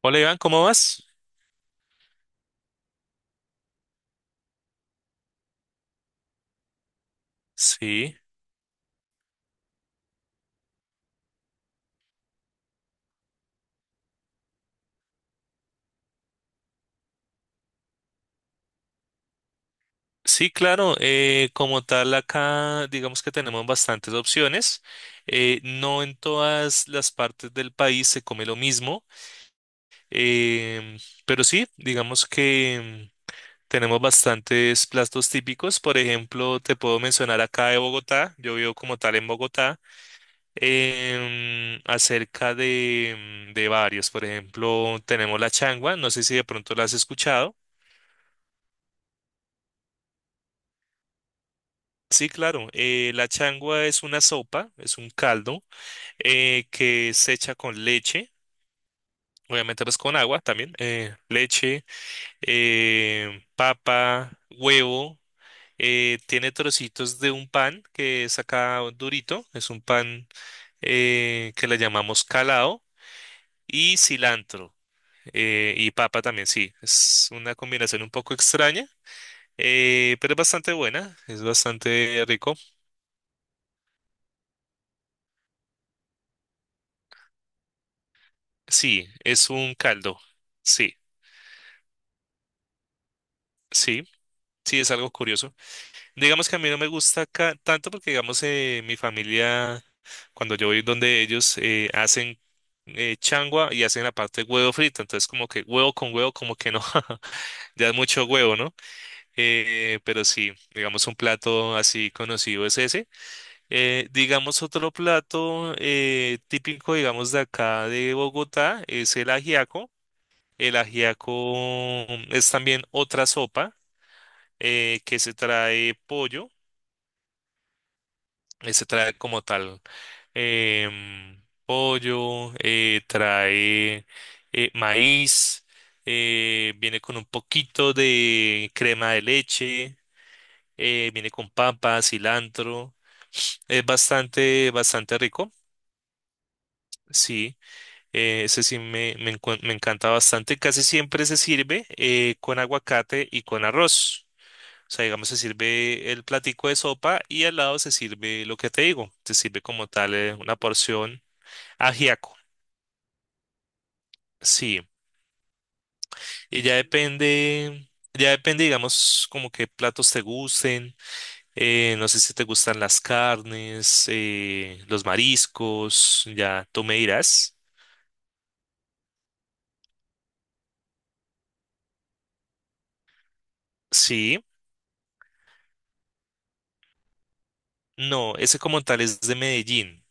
Hola Iván, ¿cómo vas? Sí, sí, claro. Como tal, acá digamos que tenemos bastantes opciones. No en todas las partes del país se come lo mismo, em, pero sí, digamos que tenemos bastantes platos típicos. Por ejemplo, te puedo mencionar acá de Bogotá. Yo vivo como tal en Bogotá. Acerca de, de varios. Por ejemplo, tenemos la changua. No sé si de pronto la has escuchado. Sí, claro. La changua es una sopa, es un caldo que se echa con leche, obviamente pues con agua también, leche, papa, huevo. Tiene trocitos de un pan que es acá durito, es un pan que le llamamos calao, y cilantro y papa también, sí. Es una combinación un poco extraña, pero es bastante buena, es bastante rico. Sí, es un caldo. Sí. Sí, sí, es algo curioso. Digamos que a mí no me gusta tanto porque, digamos, mi familia, cuando yo voy donde ellos hacen changua y hacen la parte de huevo frito, entonces como que huevo con huevo, como que no, ya es mucho huevo, ¿no? Pero sí, digamos, un plato así conocido es ese. Digamos, otro plato típico, digamos, de acá de Bogotá es el ajiaco. El ajiaco es también otra sopa que se trae pollo, se trae como tal pollo, trae maíz, viene con un poquito de crema de leche, viene con papa, cilantro, es bastante, bastante rico. Sí, ese sí me encanta bastante. Casi siempre se sirve con aguacate y con arroz. O sea, digamos, se sirve el platico de sopa y al lado se sirve lo que te digo. Se sirve como tal una porción ajiaco. Sí. Y ya depende, digamos, como qué platos te gusten. No sé si te gustan las carnes, los mariscos. Ya tú me dirás. Sí. No, ese como tal es de Medellín,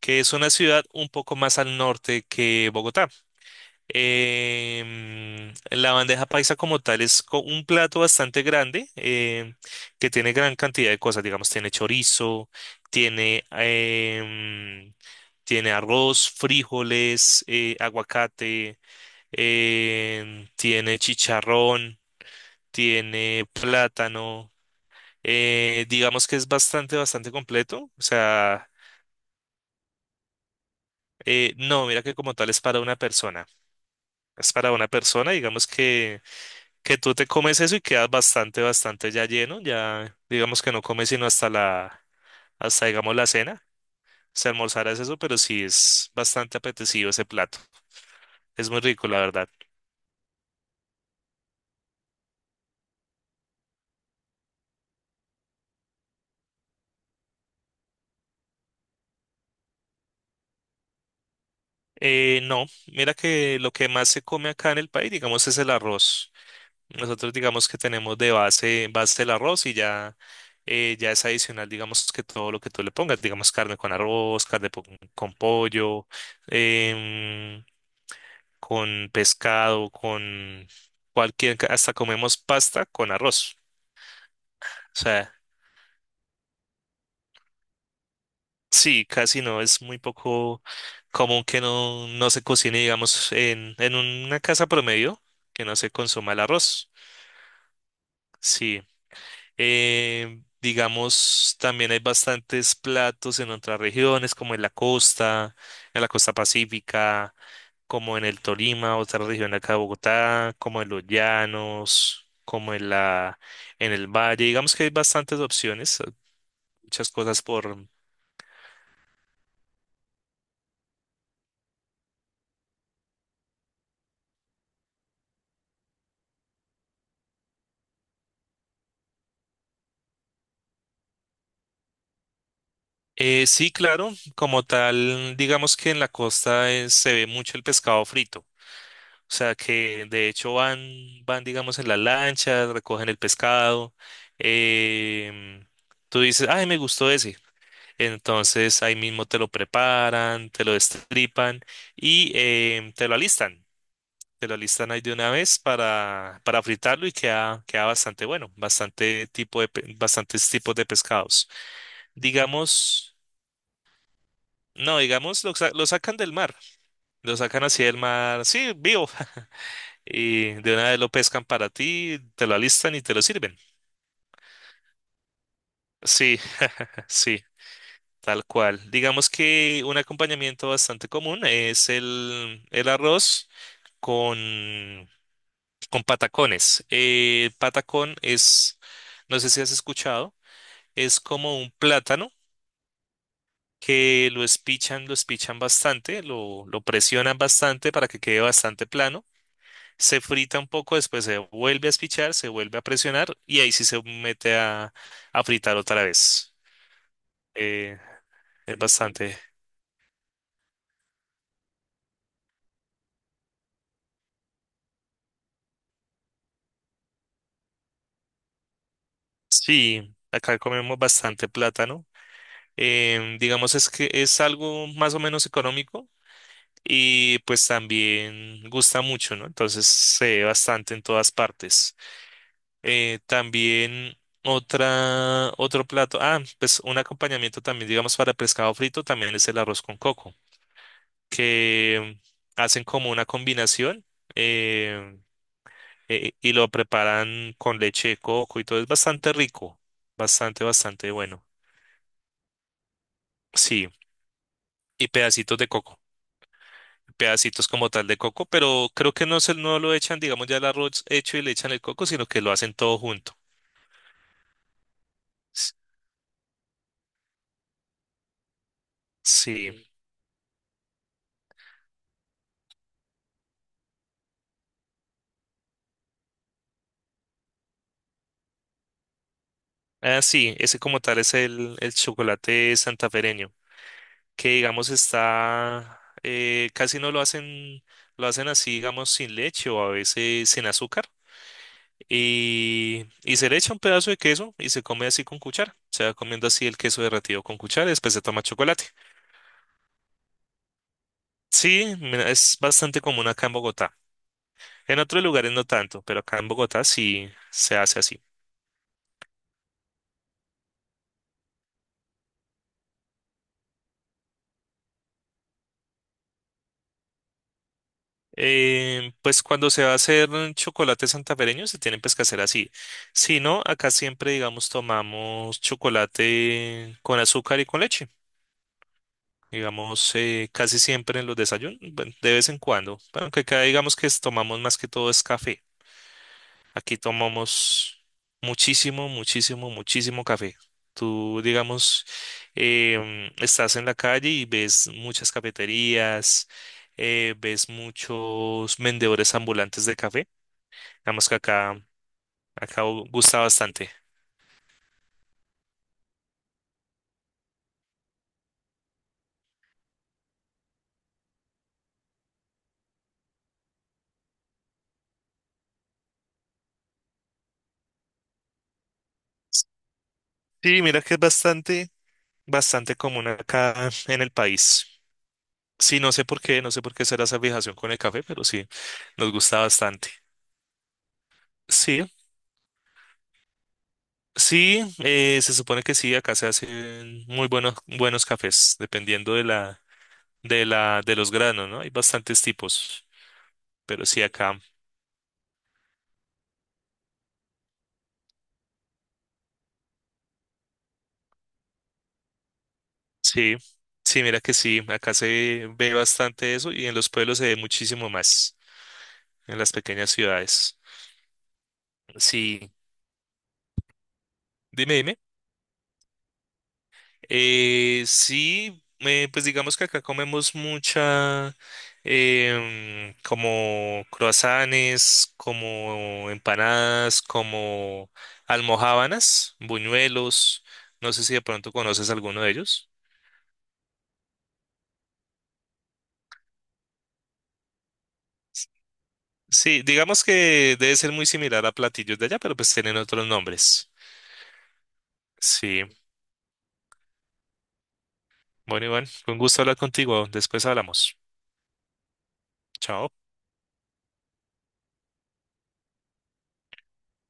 que es una ciudad un poco más al norte que Bogotá. La bandeja paisa como tal un plato bastante grande que tiene gran cantidad de cosas, digamos, tiene chorizo, tiene, tiene arroz, frijoles, aguacate, tiene chicharrón, tiene plátano, digamos que es bastante, bastante completo, o sea, no, mira que como tal es para una persona, es para una persona, digamos que tú te comes eso y quedas bastante, bastante ya lleno, ya digamos que no comes sino hasta hasta digamos la cena, si almorzaras eso, pero sí es bastante apetecido ese plato, es muy rico la verdad. No, mira que lo que más se come acá en el país, digamos, es el arroz. Nosotros digamos que tenemos de base, base el arroz y ya, ya es adicional, digamos que todo lo que tú le pongas, digamos carne con arroz, con pollo, em, con pescado, con cualquier, hasta comemos pasta con arroz. O sea, sí, casi no, es muy poco común que no, no se cocine, digamos, en una casa promedio, que no se consuma el arroz. Sí. Digamos, también hay bastantes platos en otras regiones, como en la costa pacífica. Como en el Tolima, otra región de acá de Bogotá, como en los llanos, como en en el valle. Digamos que hay bastantes opciones, muchas cosas por... Sí, claro, como tal, digamos que en la costa se ve mucho el pescado frito. O sea que de hecho van, van, digamos, en la lancha, recogen el pescado. em, Tú dices, ay, me gustó ese. Entonces ahí mismo te lo preparan, te lo destripan y te lo alistan. Te lo listan ahí de una vez para fritarlo y queda, queda bastante bueno, bastante tipo de, bastantes tipos de pescados. Digamos, no, digamos, lo sacan del mar, lo sacan así del mar, sí, vivo, y de una vez lo pescan para ti, te lo alistan y te lo sirven. Sí, sí, tal cual. Digamos que un acompañamiento bastante común es el arroz con, con patacones. Patacón es, no sé si has escuchado. Es como un plátano que lo espichan bastante, lo presionan bastante para que quede bastante plano. Se frita un poco, después se vuelve a espichar, se vuelve a presionar y ahí sí se mete a fritar otra vez. Eh, es bastante. Sí, acá comemos bastante plátano. Digamos es que es algo más o menos económico y pues también gusta mucho, ¿no? Entonces se ve bastante en todas partes. También otro plato. Ah, pues un acompañamiento también, digamos, para pescado frito también es el arroz con coco, que hacen como una combinación eh, y lo preparan con leche de coco y todo. Es bastante rico, bastante, bastante bueno. Sí, y pedacitos de coco. Pedacitos como tal de coco, pero creo que no se no lo echan, digamos, ya el arroz hecho y le echan el coco, sino que lo hacen todo junto. S- Sí. Ah, sí, ese como tal es el chocolate santafereño, que digamos está, casi no lo hacen, lo hacen así, digamos, sin leche o a veces sin azúcar. Y se le echa un pedazo de queso y se come así con cuchara. Se va comiendo así el queso derretido con cuchara y después se toma chocolate. Sí, mira, es bastante común acá en Bogotá. En otros lugares no tanto, pero acá en Bogotá sí se hace así. Pues cuando se va a hacer un chocolate santafereño se tienen pues que hacer así. Si no, acá siempre, digamos, tomamos chocolate con azúcar y con leche. Digamos, casi siempre en los desayunos, bueno, de vez en cuando. Bueno, aunque acá digamos que tomamos más que todo es café. Aquí tomamos muchísimo, muchísimo, muchísimo café. Tú, digamos, estás en la calle y ves muchas cafeterías, ves muchos vendedores ambulantes de café. Digamos que acá, gusta bastante. Sí, mira que es bastante, bastante común acá en el país. Sí, no sé por qué, no sé por qué será esa fijación con el café, pero sí, nos gusta bastante. Sí, sí, se supone que sí, acá se hacen muy buenos, buenos cafés, dependiendo de la, de los granos, ¿no? Hay bastantes tipos, pero sí, acá, sí, sí, mira que sí, acá se ve bastante eso y en los pueblos se ve muchísimo más, en las pequeñas ciudades. Sí. Dime, dime. Sí, pues digamos que acá comemos mucha, como croissants, como empanadas, como almojábanas, buñuelos. No sé si de pronto conoces alguno de ellos. Sí, digamos que debe ser muy similar a platillos de allá, pero pues tienen otros nombres. Sí, bueno, Iván, fue un gusto hablar contigo. Después hablamos. Chao.